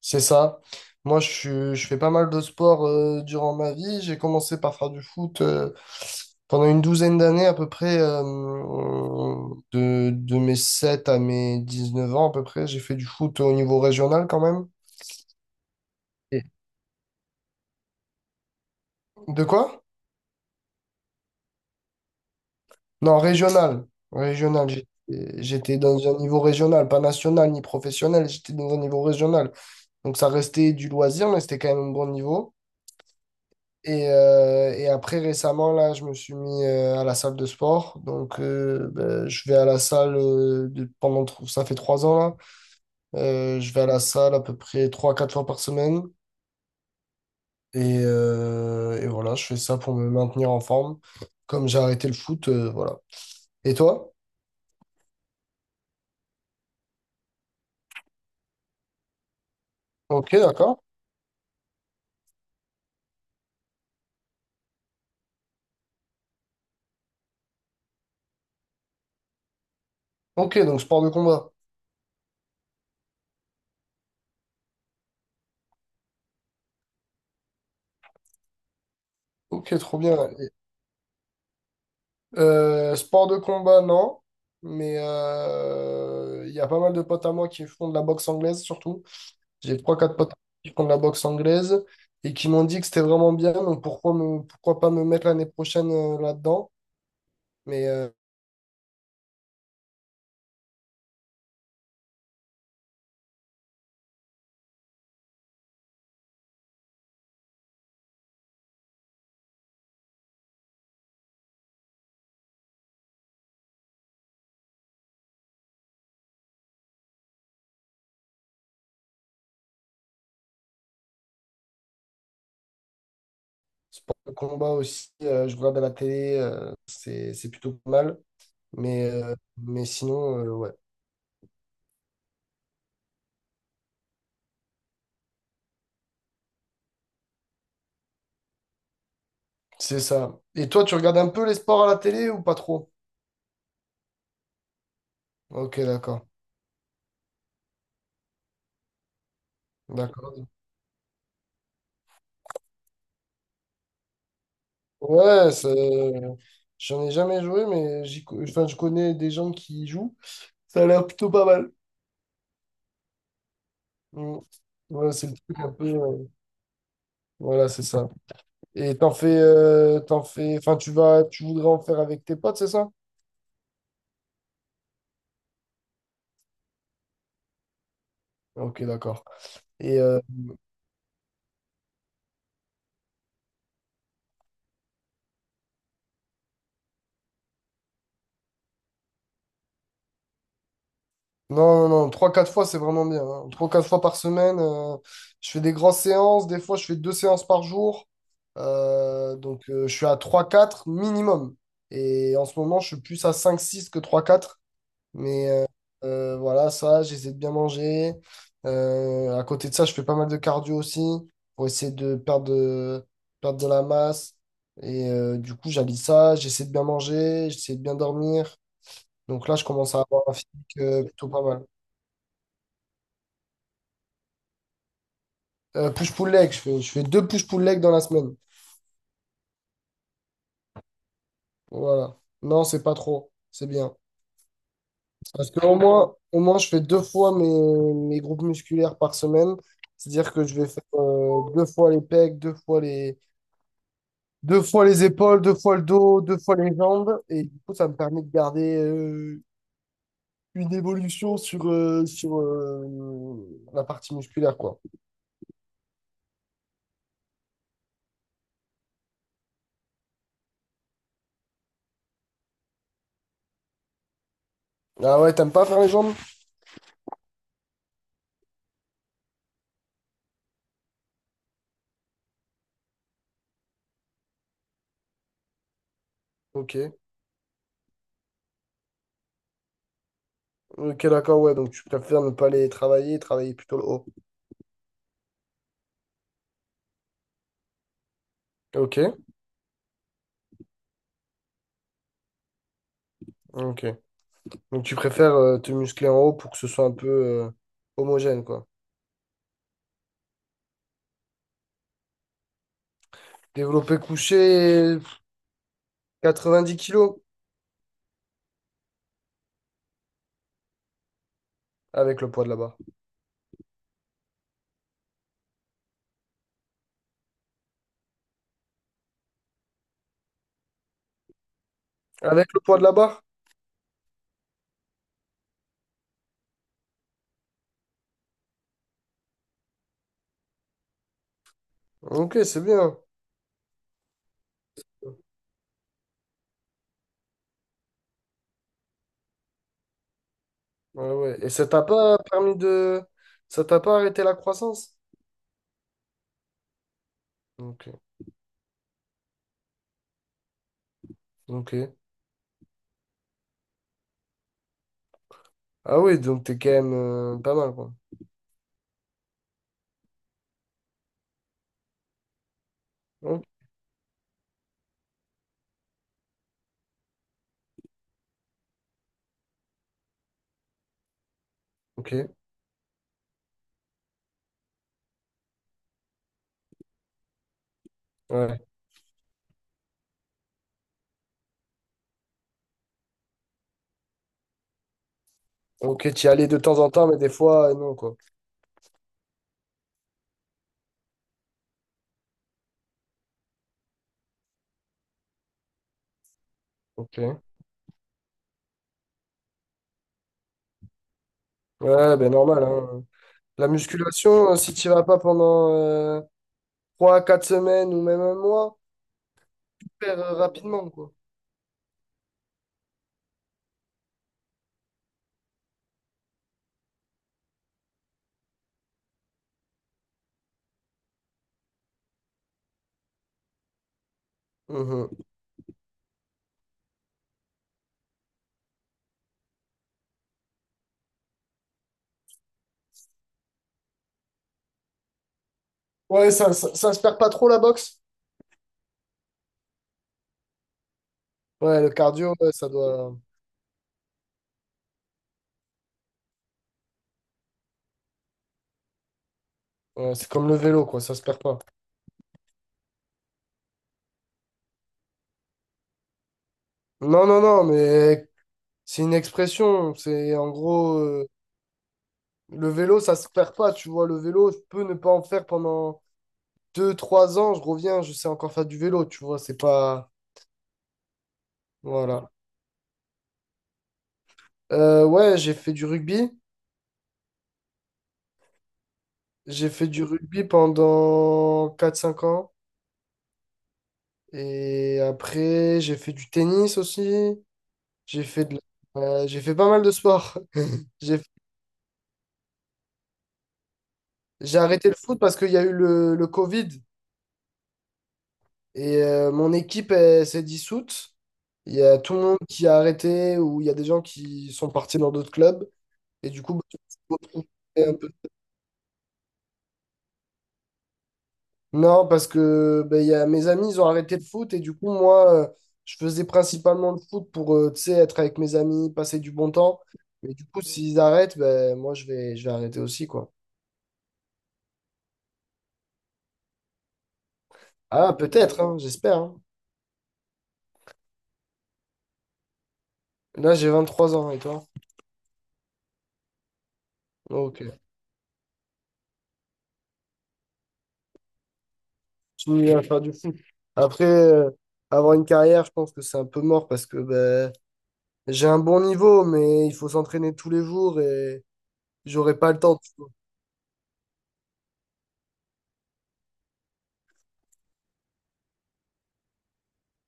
C'est ça. Moi, je fais pas mal de sport durant ma vie. J'ai commencé par faire du foot pendant une douzaine d'années à peu près, de mes 7 à mes 19 ans à peu près. J'ai fait du foot au niveau régional quand même. De quoi? Non, régional. Régional. J'étais dans un niveau régional, pas national ni professionnel. J'étais dans un niveau régional. Donc ça restait du loisir, mais c'était quand même un bon niveau. Et après, récemment, là, je me suis mis à la salle de sport. Donc, ben, je vais à la salle ça fait 3 ans, là. Je vais à la salle à peu près trois, quatre fois par semaine. Et voilà, je fais ça pour me maintenir en forme. Comme j'ai arrêté le foot, voilà. Et toi? Ok, d'accord. Ok, donc sport de combat. Ok, trop bien. Sport de combat, non. Mais il y a pas mal de potes à moi qui font de la boxe anglaise, surtout. J'ai trois, quatre potes qui font de la boxe anglaise et qui m'ont dit que c'était vraiment bien. Donc pourquoi pas me mettre l'année prochaine là-dedans? Mais sport de combat aussi, je regarde à la télé, c'est plutôt pas mal. Mais sinon, ouais, c'est ça. Et toi, tu regardes un peu les sports à la télé ou pas trop? Ok, d'accord. D'accord. Ouais, j'en ai jamais joué, mais enfin, je connais des gens qui y jouent. Ça a l'air plutôt pas mal. Mm. Ouais, c'est le truc un peu. Voilà, c'est ça. Et t'en fais, enfin, tu voudrais en faire avec tes potes, c'est ça? Ok, d'accord. Et euh, non, non, non, 3-4 fois, c'est vraiment bien, hein. Trois quatre fois par semaine, je fais des grosses séances. Des fois, je fais deux séances par jour. Je suis à trois quatre minimum. Et en ce moment, je suis plus à cinq six que trois quatre. Mais voilà, ça, j'essaie de bien manger. À côté de ça, je fais pas mal de cardio aussi pour essayer de perdre de la masse. Et du coup, j'allie ça, j'essaie de bien manger, j'essaie de bien dormir. Donc là, je commence à avoir un physique plutôt pas mal. Push-pull leg, je fais deux push-pull leg dans la semaine. Voilà. Non, c'est pas trop. C'est bien. Parce qu'au moins, au moins, je fais deux fois mes groupes musculaires par semaine. C'est-à-dire que je vais faire deux fois les pecs, deux fois les épaules, deux fois le dos, deux fois les jambes. Et du coup, ça me permet de garder une évolution sur la partie musculaire, quoi. Ah ouais, t'aimes pas faire les jambes? Ok. Ok, d'accord, ouais. Donc, tu préfères ne pas les travailler, travailler plutôt le haut. Ok, ok. Donc, tu préfères te muscler en haut pour que ce soit un peu homogène, quoi. Développé couché, 90 kilos avec le poids de la barre. Avec le poids de la barre? Ok, c'est bien. Ouais, ouais. Et ça t'a pas permis de... Ça t'a pas arrêté la croissance? Ok. Ok. Ah oui, donc t'es quand même pas mal, quoi. Ok. Ok, ouais. Ok, t'y allais de temps en temps, mais des fois, non, quoi. Ok. Ouais, ben normal, hein. La musculation, si t'y vas pas pendant 3 4 semaines ou même un mois, tu perds rapidement, quoi. Mhm. Ouais, ça se perd pas trop, la boxe? Ouais, le cardio, ouais, ça doit... Ouais, c'est comme le vélo, quoi, ça se perd pas. Non, non, non, mais c'est une expression, c'est en gros, le vélo, ça se perd pas, tu vois, le vélo, je peux ne pas en faire pendant deux trois ans, je reviens, je sais encore faire du vélo, tu vois, c'est pas... Voilà. Ouais, j'ai fait du rugby pendant quatre cinq ans, et après, j'ai fait du tennis aussi, j'ai fait de... j'ai fait pas mal de sport. J'ai j'ai arrêté le foot parce qu'il y a eu le Covid. Et mon équipe, elle s'est dissoute. Il y a tout le monde qui a arrêté ou il y a des gens qui sont partis dans d'autres clubs. Et du coup, bah, j'étais un peu- non, parce que bah, il y a mes amis, ils ont arrêté le foot. Et du coup, moi, je faisais principalement le foot pour tu sais, être avec mes amis, passer du bon temps. Mais du coup, s'ils arrêtent, ben moi, je vais arrêter aussi, quoi. Ah, peut-être, hein, j'espère, hein. Là, j'ai 23 ans, et toi? Ok. Continue à faire du foot. Après, avoir une carrière, je pense que c'est un peu mort parce que ben j'ai un bon niveau, mais il faut s'entraîner tous les jours et j'aurai pas le temps, tu vois.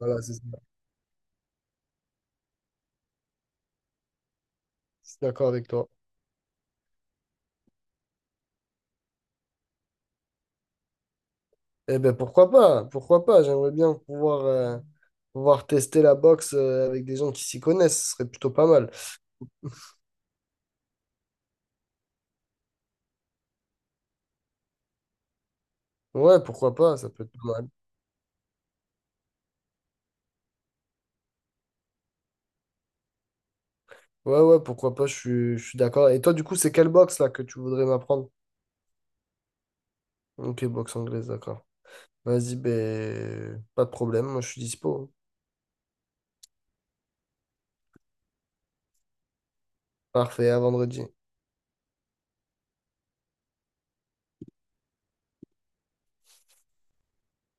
Voilà, c'est ça. Je suis d'accord avec toi. Eh ben pourquoi pas? Pourquoi pas? J'aimerais bien pouvoir tester la boxe avec des gens qui s'y connaissent. Ce serait plutôt pas mal. Ouais, pourquoi pas? Ça peut être pas mal. Ouais, ouais, pourquoi pas? Je suis d'accord. Et toi, du coup, c'est quelle boxe là que tu voudrais m'apprendre? Ok, boxe anglaise, d'accord. Vas-y, ben pas de problème. Moi, je suis dispo. Parfait, à vendredi.